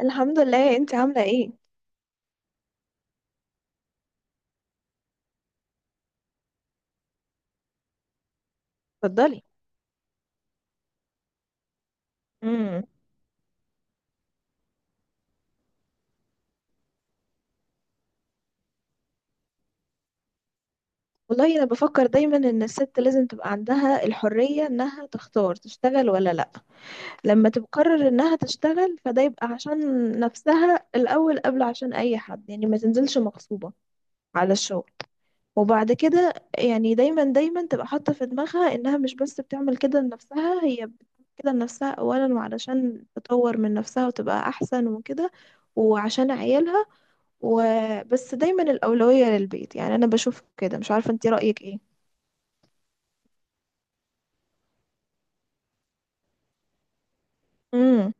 الحمد لله، انت عاملة ايه؟ اتفضلي. امم والله انا بفكر دايما ان الست لازم تبقى عندها الحرية انها تختار تشتغل ولا لا. لما تقرر انها تشتغل فده يبقى عشان نفسها الاول قبل عشان اي حد، يعني ما تنزلش مغصوبة على الشغل. وبعد كده يعني دايما دايما تبقى حاطة في دماغها انها مش بس بتعمل كده لنفسها، هي بتعمل كده لنفسها اولا وعلشان تطور من نفسها وتبقى احسن وكده، وعشان عيالها. وبس دايما الأولوية للبيت، يعني أنا بشوف كده، مش عارفة أنت رأيك إيه. امم.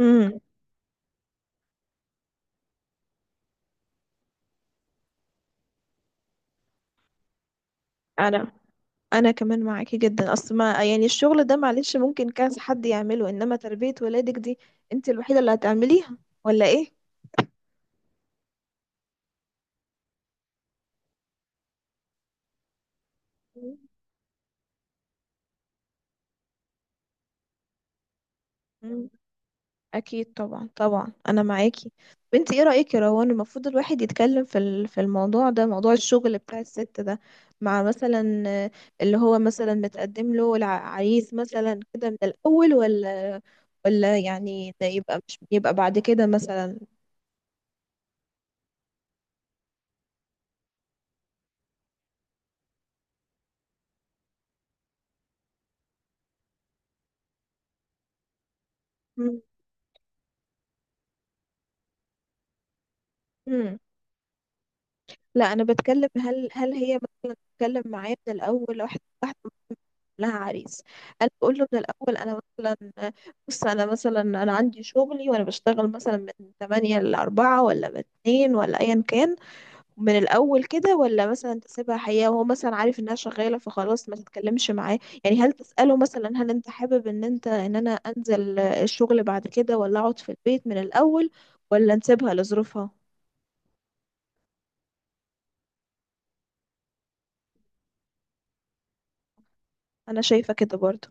امم. أنا أنا كمان معاكي جدا، أصل ما يعني الشغل ده معلش ممكن كذا حد يعمله، إنما تربية ولادك دي أنت الوحيدة اللي هتعمليها، ولا إيه؟ مم. اكيد طبعا طبعا، انا معاكي. بنتي، ايه رايك يا روان؟ المفروض الواحد يتكلم في الموضوع ده، موضوع الشغل بتاع الست ده، مع مثلا اللي هو مثلا متقدم له العريس مثلا كده من الاول، ولا يعني ده يبقى مش يبقى بعد كده مثلا. مم. مم. لا، انا بتكلم، هل هي بتتكلم معاه من الاول واحده واحده. لها عريس، انا بقول له من الاول انا مثلا، بص انا مثلا انا عندي شغلي، وانا بشتغل مثلا من 8 ل 4 ولا من 2 ولا ايا كان، من الاول كده، ولا مثلا تسيبها حياه وهو مثلا عارف انها شغاله فخلاص ما تتكلمش معاه. يعني هل تساله مثلا هل انت حابب ان انا انزل الشغل بعد كده ولا اقعد في البيت من الاول، ولا نسيبها لظروفها. انا شايفه كده برضه.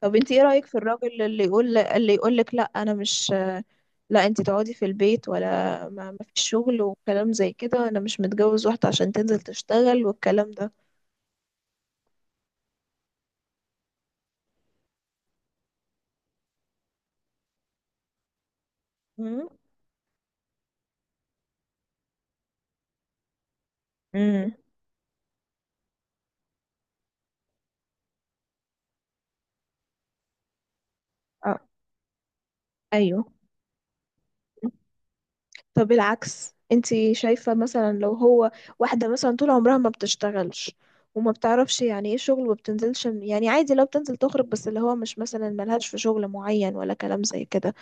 طب انت ايه رايك في الراجل اللي يقول لك لا انا مش لا انت تقعدي في البيت، ولا ما فيش شغل وكلام زي كده، انا مش متجوز واحدة عشان تنزل تشتغل والكلام ده. مم. امم. اه. ايوه. طب العكس، انت شايفة مثلا لو هو، واحدة مثلا طول عمرها ما بتشتغلش، وما بتعرفش يعني ايه شغل، وما بتنزلش، يعني عادي، لو بتنزل تخرج بس اللي هو مش مثلا ملهاش في شغل معين ولا كلام زي كده،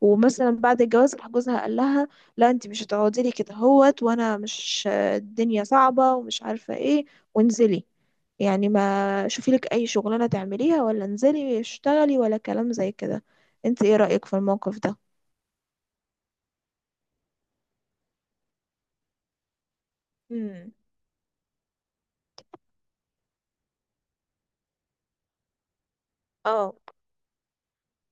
ومثلا بعد الجواز راح جوزها قال لها لا انت مش هتقعدي لي كده هوت، وانا مش، الدنيا صعبة ومش عارفة ايه، وانزلي، يعني ما شوفي لك اي شغلانة تعمليها، ولا انزلي اشتغلي ولا كلام زي كده. انت ايه رأيك في الموقف ده؟ امم اه،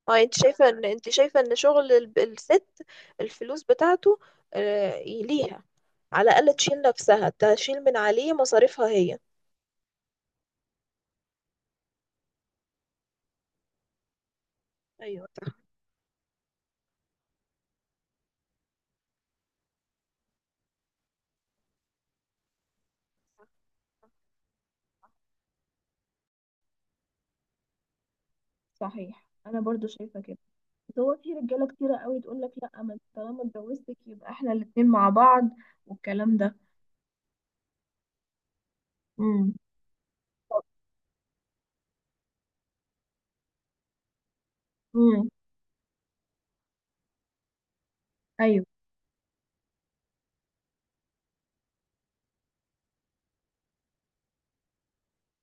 اه، انت شايفه ان شغل الست، الفلوس بتاعته ليها، على الاقل تشيل نفسها، تشيل من عليه مصاريفها هي. ايوه، صح. صح. صحيح، انا برضو شايفة كده. بس هو في رجاله كتيره قوي تقول لك لا، ما انت طالما اتجوزتك يبقى احنا الاتنين مع بعض والكلام ده. امم. امم. ايوه.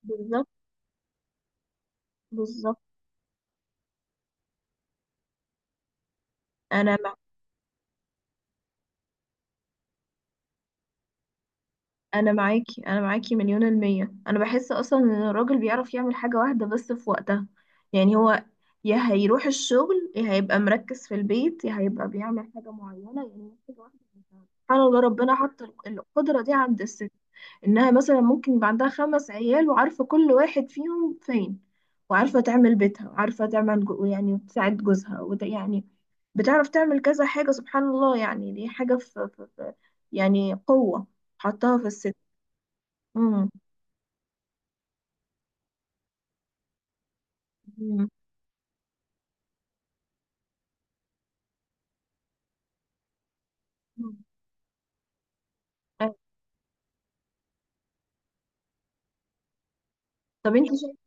بالظبط. بالظبط. انا انا معاكي، انا معاكي مليون المية. انا بحس اصلا ان الراجل بيعرف يعمل حاجة واحدة بس في وقتها، يعني هو يا هيروح الشغل يا هيبقى مركز في البيت يا هيبقى بيعمل حاجة معينة، يعني حاجة واحدة بس. سبحان الله، ربنا حط القدرة دي عند الست، انها مثلا ممكن يبقى عندها خمس عيال وعارفة كل واحد فيهم فين، وعارفة تعمل بيتها، وعارفة تعمل يعني، وتساعد جوزها، يعني بتعرف تعمل كذا حاجة. سبحان الله، يعني دي حاجة في يعني قوة حطها في الست. امم. مم. مم. أيوة. طب انت شايفة،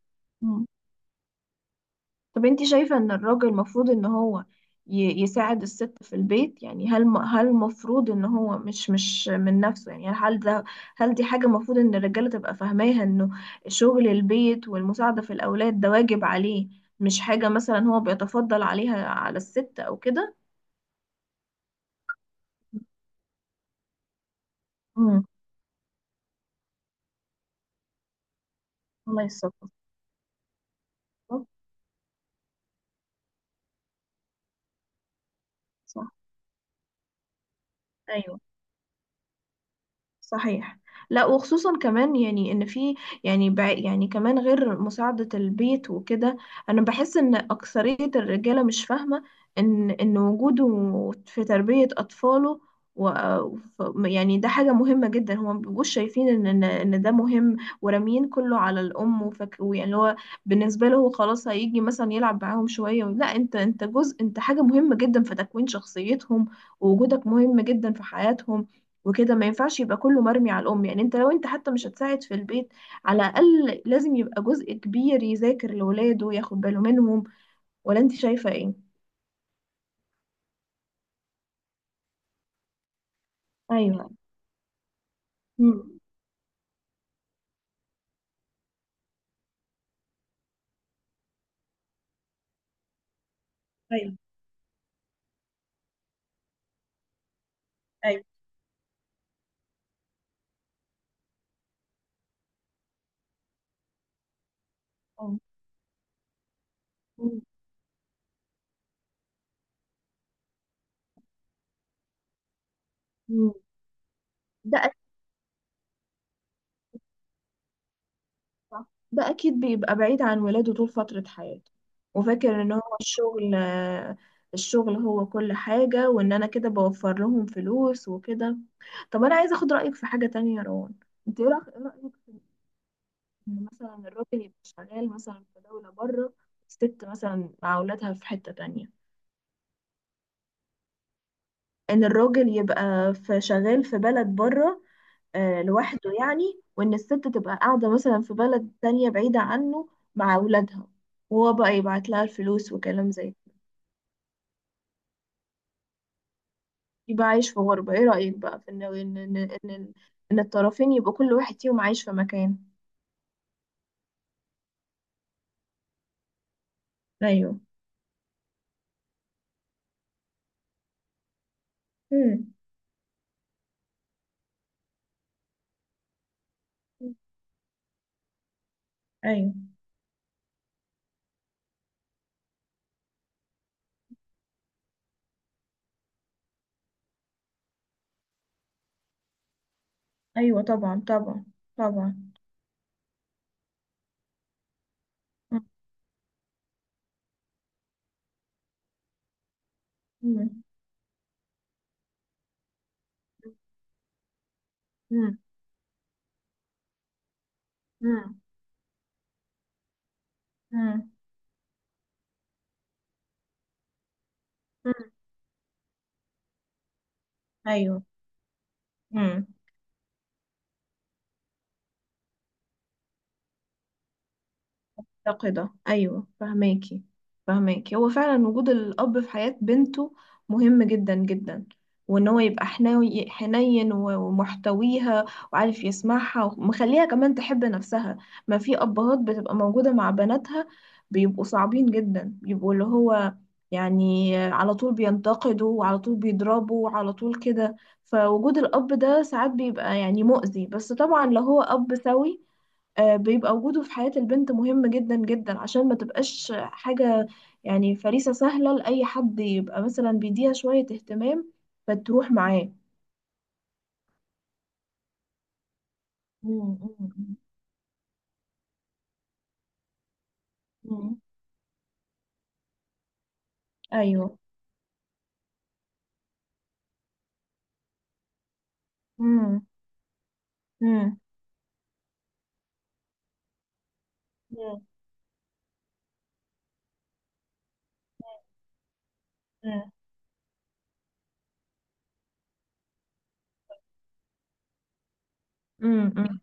طب انت شايفة ان الراجل المفروض ان هو يساعد الست في البيت، يعني هل المفروض ان هو مش من نفسه، يعني هل دي حاجة المفروض ان الرجالة تبقى فاهماها، انه شغل البيت والمساعدة في الاولاد ده واجب عليه، مش حاجة مثلا هو بيتفضل عليها، على الست او كده. امم. الله يستر. صح. ايوه. صحيح. لا، وخصوصا كمان، يعني ان في، يعني كمان، غير مساعدة البيت وكده، انا بحس ان اكثرية الرجالة مش فاهمة ان وجوده في تربية اطفاله، و يعني ده حاجة مهمة جدا، هما مبيبقوش شايفين ان ان إن ده مهم، وراميين كله على الام، وفك ويعني اللي هو، بالنسبة له هو خلاص هيجي مثلا يلعب معاهم شوية. لا، انت جزء، انت حاجة مهمة جدا في تكوين شخصيتهم، ووجودك مهم جدا في حياتهم وكده، ما ينفعش يبقى كله مرمي على الأم، يعني انت لو انت حتى مش هتساعد في البيت، على الأقل لازم يبقى جزء كبير يذاكر لولاده وياخد باله منهم، ولا انت شايفة ايه؟ ايوه. مم. ايوه. ايوه. اه. مم. مم. ده أكيد، ده أكيد بيبقى بعيد عن ولاده طول فترة حياته، وفاكر إن هو الشغل هو كل حاجة، وإن أنا كده بوفر لهم فلوس وكده. طب أنا عايزة أخد رأيك في حاجة تانية يا روان. أنت إيه رأيك إن مثلا الراجل يبقى شغال مثلا في دولة بره، الست مثلا مع أولادها في حتة تانية، إن الراجل يبقى في شغال في بلد بره لوحده يعني، وإن الست تبقى قاعدة مثلا في بلد تانية بعيدة عنه مع أولادها، وهو بقى يبعت لها الفلوس وكلام زي كده، يبقى عايش في غربة. إيه رأيك بقى في إن, إن الطرفين يبقوا كل واحد فيهم عايش في مكان؟ أيوه. مم. أيوه. أيوه. طبعا طبعا طبعا. مم. مم. مم. مم. مم. ايوه. امم مفتقده، ايوه فهماكي، فهماكي. هو فعلا وجود الاب في حياه بنته مهم جدا جدا، وان هو يبقى حناوي حنين و- ومحتويها، وعارف يسمعها، ومخليها كمان تحب نفسها. ما في ابهات بتبقى موجوده مع بناتها بيبقوا صعبين جدا، بيبقوا اللي هو يعني على طول بينتقدوا، وعلى طول بيضربوا، وعلى طول كده، فوجود الاب ده ساعات بيبقى يعني مؤذي، بس طبعا لو هو اب سوي بيبقى وجوده في حياة البنت مهم جدا جدا، عشان ما تبقاش حاجة، يعني فريسة سهلة لأي حد يبقى مثلا بيديها شوية اهتمام فتروح معاه. مم. مم. مم. ايوه. مم. أيوه. مم. مم. مم. مم.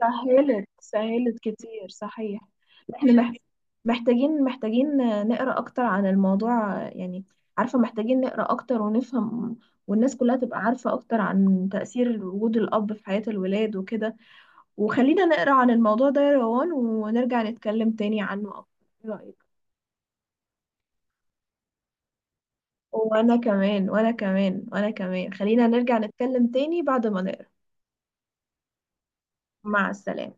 سهلت، سهلت كتير، صحيح. احنا مم. محتاجين نقرا اكتر عن الموضوع، يعني عارفه محتاجين نقرا اكتر ونفهم، والناس كلها تبقى عارفه اكتر عن تاثير وجود الاب في حياه الولاد وكده. وخلينا نقرا عن الموضوع ده يا روان، ونرجع نتكلم تاني عنه اكتر. ايه رايك؟ وانا كمان، وانا كمان، وانا كمان، خلينا نرجع نتكلم تاني بعد ما نقرا. مع السلامه.